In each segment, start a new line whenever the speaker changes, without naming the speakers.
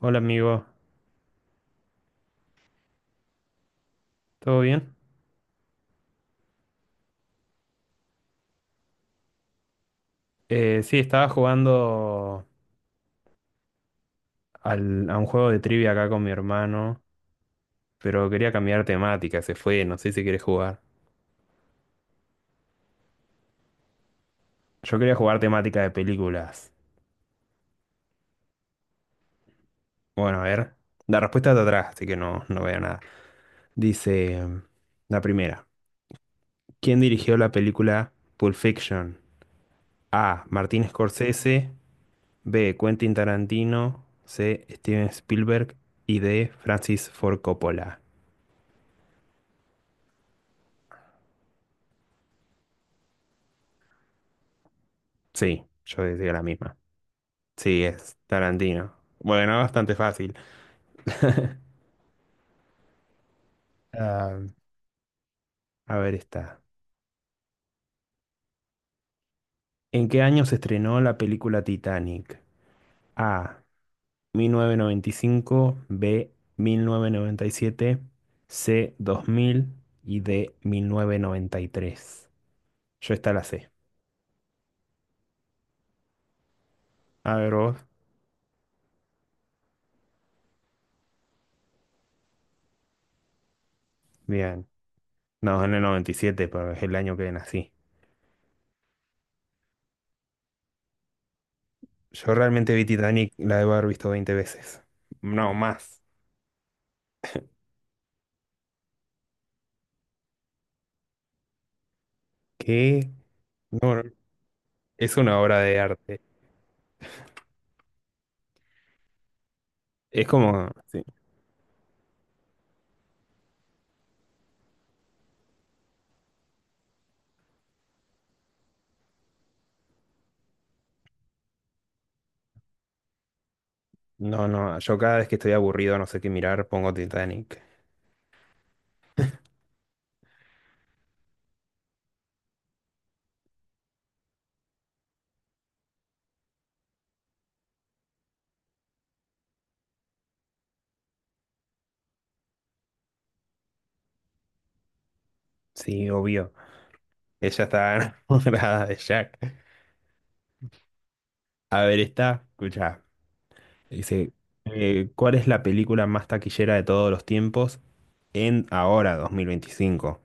Hola amigo, ¿todo bien? Sí, estaba jugando a un juego de trivia acá con mi hermano, pero quería cambiar temática, se fue, no sé si quieres jugar. Yo quería jugar temática de películas. Bueno, a ver, la respuesta está atrás, así que no, no veo nada. Dice la primera, ¿quién dirigió la película Pulp Fiction? A. Martin Scorsese, B. Quentin Tarantino, C. Steven Spielberg y D. Francis Ford Coppola. Sí, yo decía la misma. Sí, es Tarantino. Bueno, bastante fácil. Ah, a ver está. ¿En qué año se estrenó la película Titanic? A. 1995, B. 1997, C. 2000 y D. 1993. Yo esta la sé. A ver vos. Bien. No, en el noventa y siete, pero es el año que nací. Yo realmente vi Titanic, la debo haber visto 20 veces. No, más. ¿Qué? No, no, es una obra de arte. Es como, sí. No, no, yo cada vez que estoy aburrido, no sé qué mirar, pongo Titanic. Sí, obvio. Ella está enamorada de Jack. A ver, está, escucha. Dice, ¿cuál es la película más taquillera de todos los tiempos en ahora, dos mil veinticinco?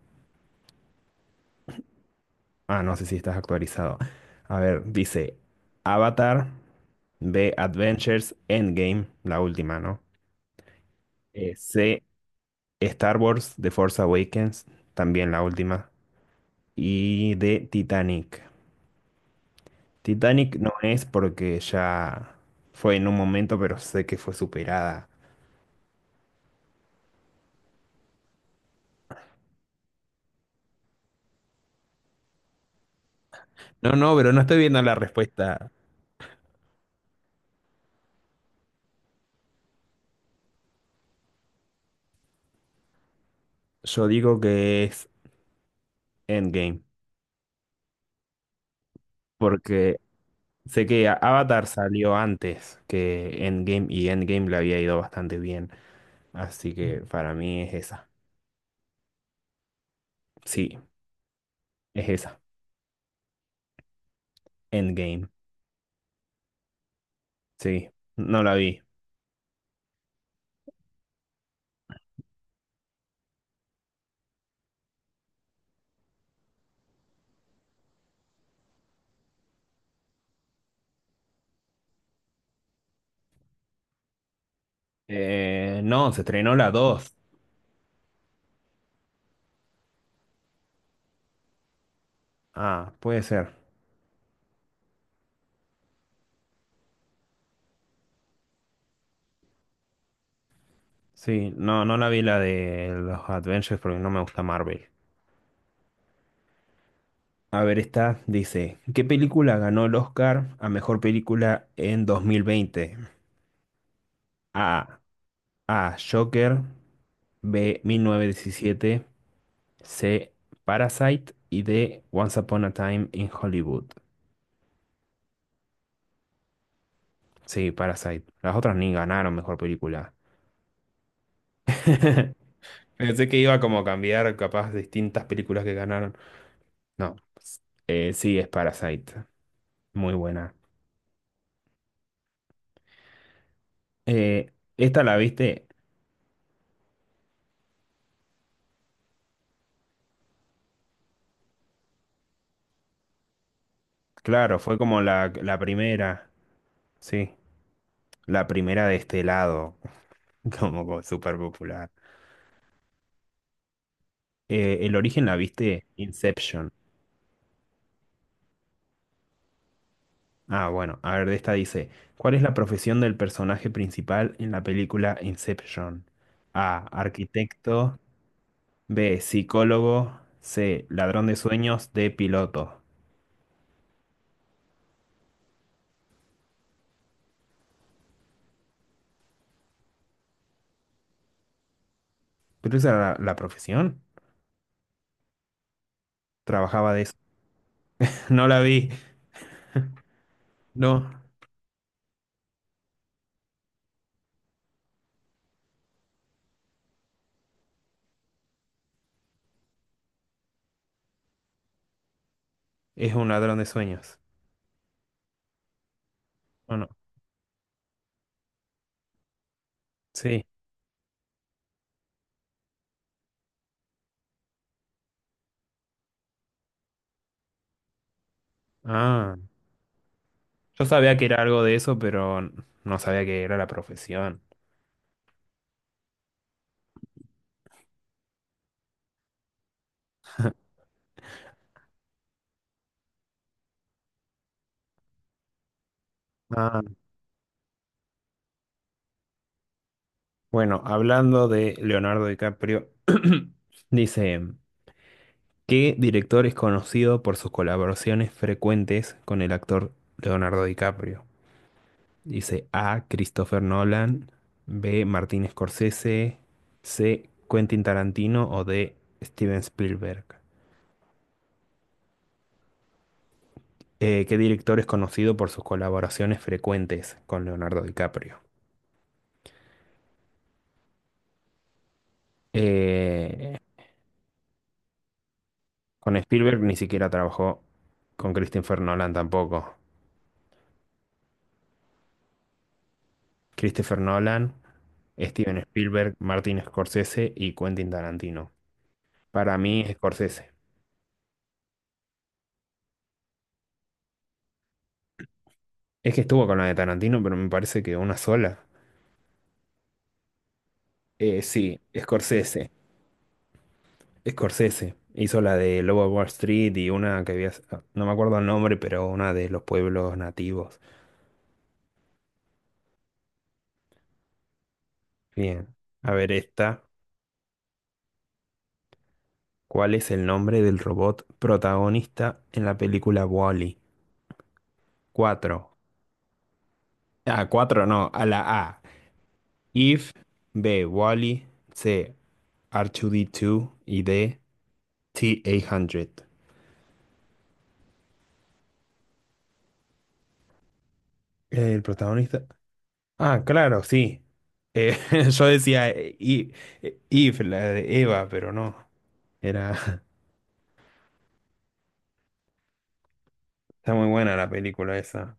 Ah, no sé si estás actualizado. A ver, dice Avatar, B, Adventures, Endgame, la última, ¿no? C, Star Wars, The Force Awakens, también la última. Y de Titanic. Titanic no es porque ya fue en un momento, pero sé que fue superada. No, no, pero no estoy viendo la respuesta. Yo digo que es Endgame, porque sé que Avatar salió antes que Endgame y Endgame le había ido bastante bien. Así que para mí es esa. Sí, es esa. Endgame. Sí, no la vi. No, se estrenó la 2. Ah, puede ser. Sí, no, no la vi la de los Adventures porque no me gusta Marvel. A ver, esta dice, ¿qué película ganó el Oscar a mejor película en dos mil veinte? A. A. Joker. B. mil novecientos diecisiete, C. Parasite. Y D. Once Upon a Time in Hollywood. Sí, Parasite. Las otras ni ganaron mejor película. Pensé que iba como a cambiar capaz distintas películas que ganaron. No, sí, es Parasite. Muy buena. Eh, esta la viste, claro, fue como la primera, sí, la primera de este lado, como, como súper popular. El origen la viste, Inception. Ah, bueno, a ver, de esta dice, ¿cuál es la profesión del personaje principal en la película Inception? A, arquitecto, B, psicólogo, C, ladrón de sueños, D, piloto. ¿Pero esa era la profesión? Trabajaba de eso. No la vi, no, es un ladrón de sueños. ¿O no? Sí. Ah, yo sabía que era algo de eso, pero no sabía que era la profesión. Ah. Bueno, hablando de Leonardo DiCaprio, dice, ¿qué director es conocido por sus colaboraciones frecuentes con el actor Leonardo DiCaprio? Dice A. Christopher Nolan, B. Martin Scorsese, C. Quentin Tarantino o D. Steven Spielberg. ¿Qué director es conocido por sus colaboraciones frecuentes con Leonardo DiCaprio? Eh, Con Spielberg ni siquiera trabajó, con Christopher Nolan tampoco. Christopher Nolan, Steven Spielberg, Martin Scorsese y Quentin Tarantino. Para mí, Scorsese. Es que estuvo con la de Tarantino, pero me parece que una sola. Sí, Scorsese. Scorsese. Hizo la de Lobo de Wall Street y una que había, no me acuerdo el nombre, pero una de los pueblos nativos. Bien. A ver esta. ¿Cuál es el nombre del robot protagonista en la película Wall-E? 4. A cuatro no, a la A. If, B, Wally, C, R2D2 y D, T800. El protagonista. Ah, claro, sí. Eh, yo decía If, la de Eva, pero no. Era. Está muy buena la película esa.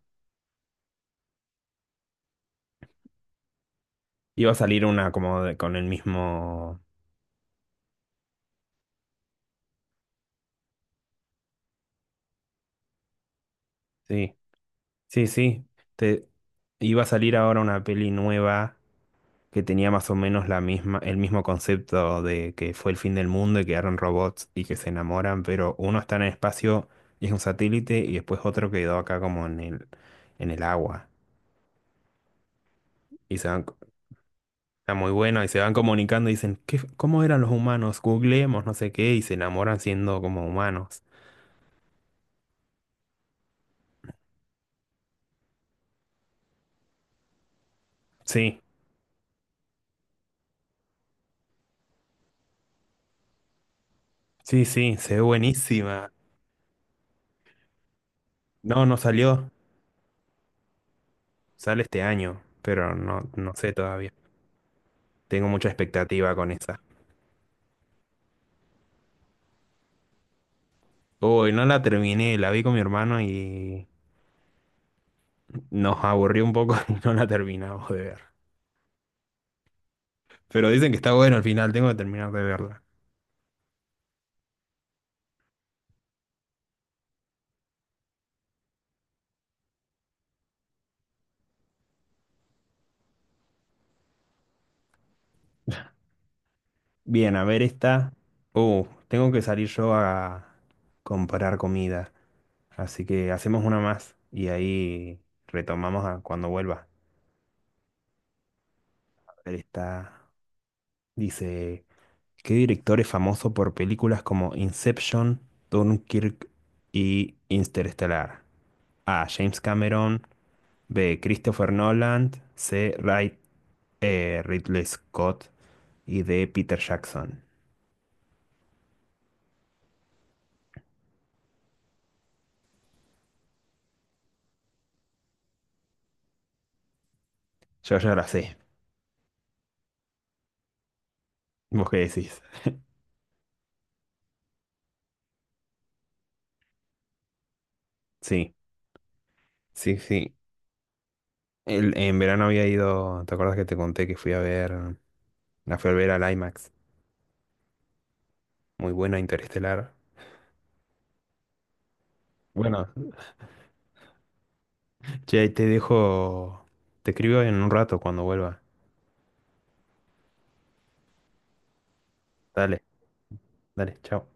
Iba a salir una como de- con el mismo. Sí, sí, sí. Te... Iba a salir ahora una peli nueva que tenía más o menos la misma, el mismo concepto de que fue el fin del mundo y quedaron robots y que se enamoran, pero uno está en el espacio y es un satélite y después otro quedó acá como en el agua. Y se van, está muy bueno y se van comunicando y dicen, ¿qué, cómo eran los humanos? Googleemos, no sé qué, y se enamoran siendo como humanos. Sí, sí, sí, se ve buenísima. No, no salió, sale este año, pero no, no sé todavía. Tengo mucha expectativa con esa. Hoy no la terminé, la vi con mi hermano y nos aburrió un poco y no la terminamos de ver. Pero dicen que está bueno al final, tengo que terminar de verla. Bien, a ver esta. Tengo que salir yo a comprar comida. Así que hacemos una más y ahí retomamos a cuando vuelva. A ver esta. Dice, ¿qué director es famoso por películas como Inception, Dunkirk y Interstellar? A. James Cameron. B. Christopher Nolan. C. Ridley Scott. Y D. Peter Jackson. Yo ya la sé. ¿Vos qué decís? Sí, sí, sí. El- en verano había ido. ¿Te acuerdas que te conté que fui a ver? La fui a ver al IMAX. Muy buena, Interestelar. Bueno, che, te dejo. Te escribo en un rato cuando vuelva. Dale, dale, chao.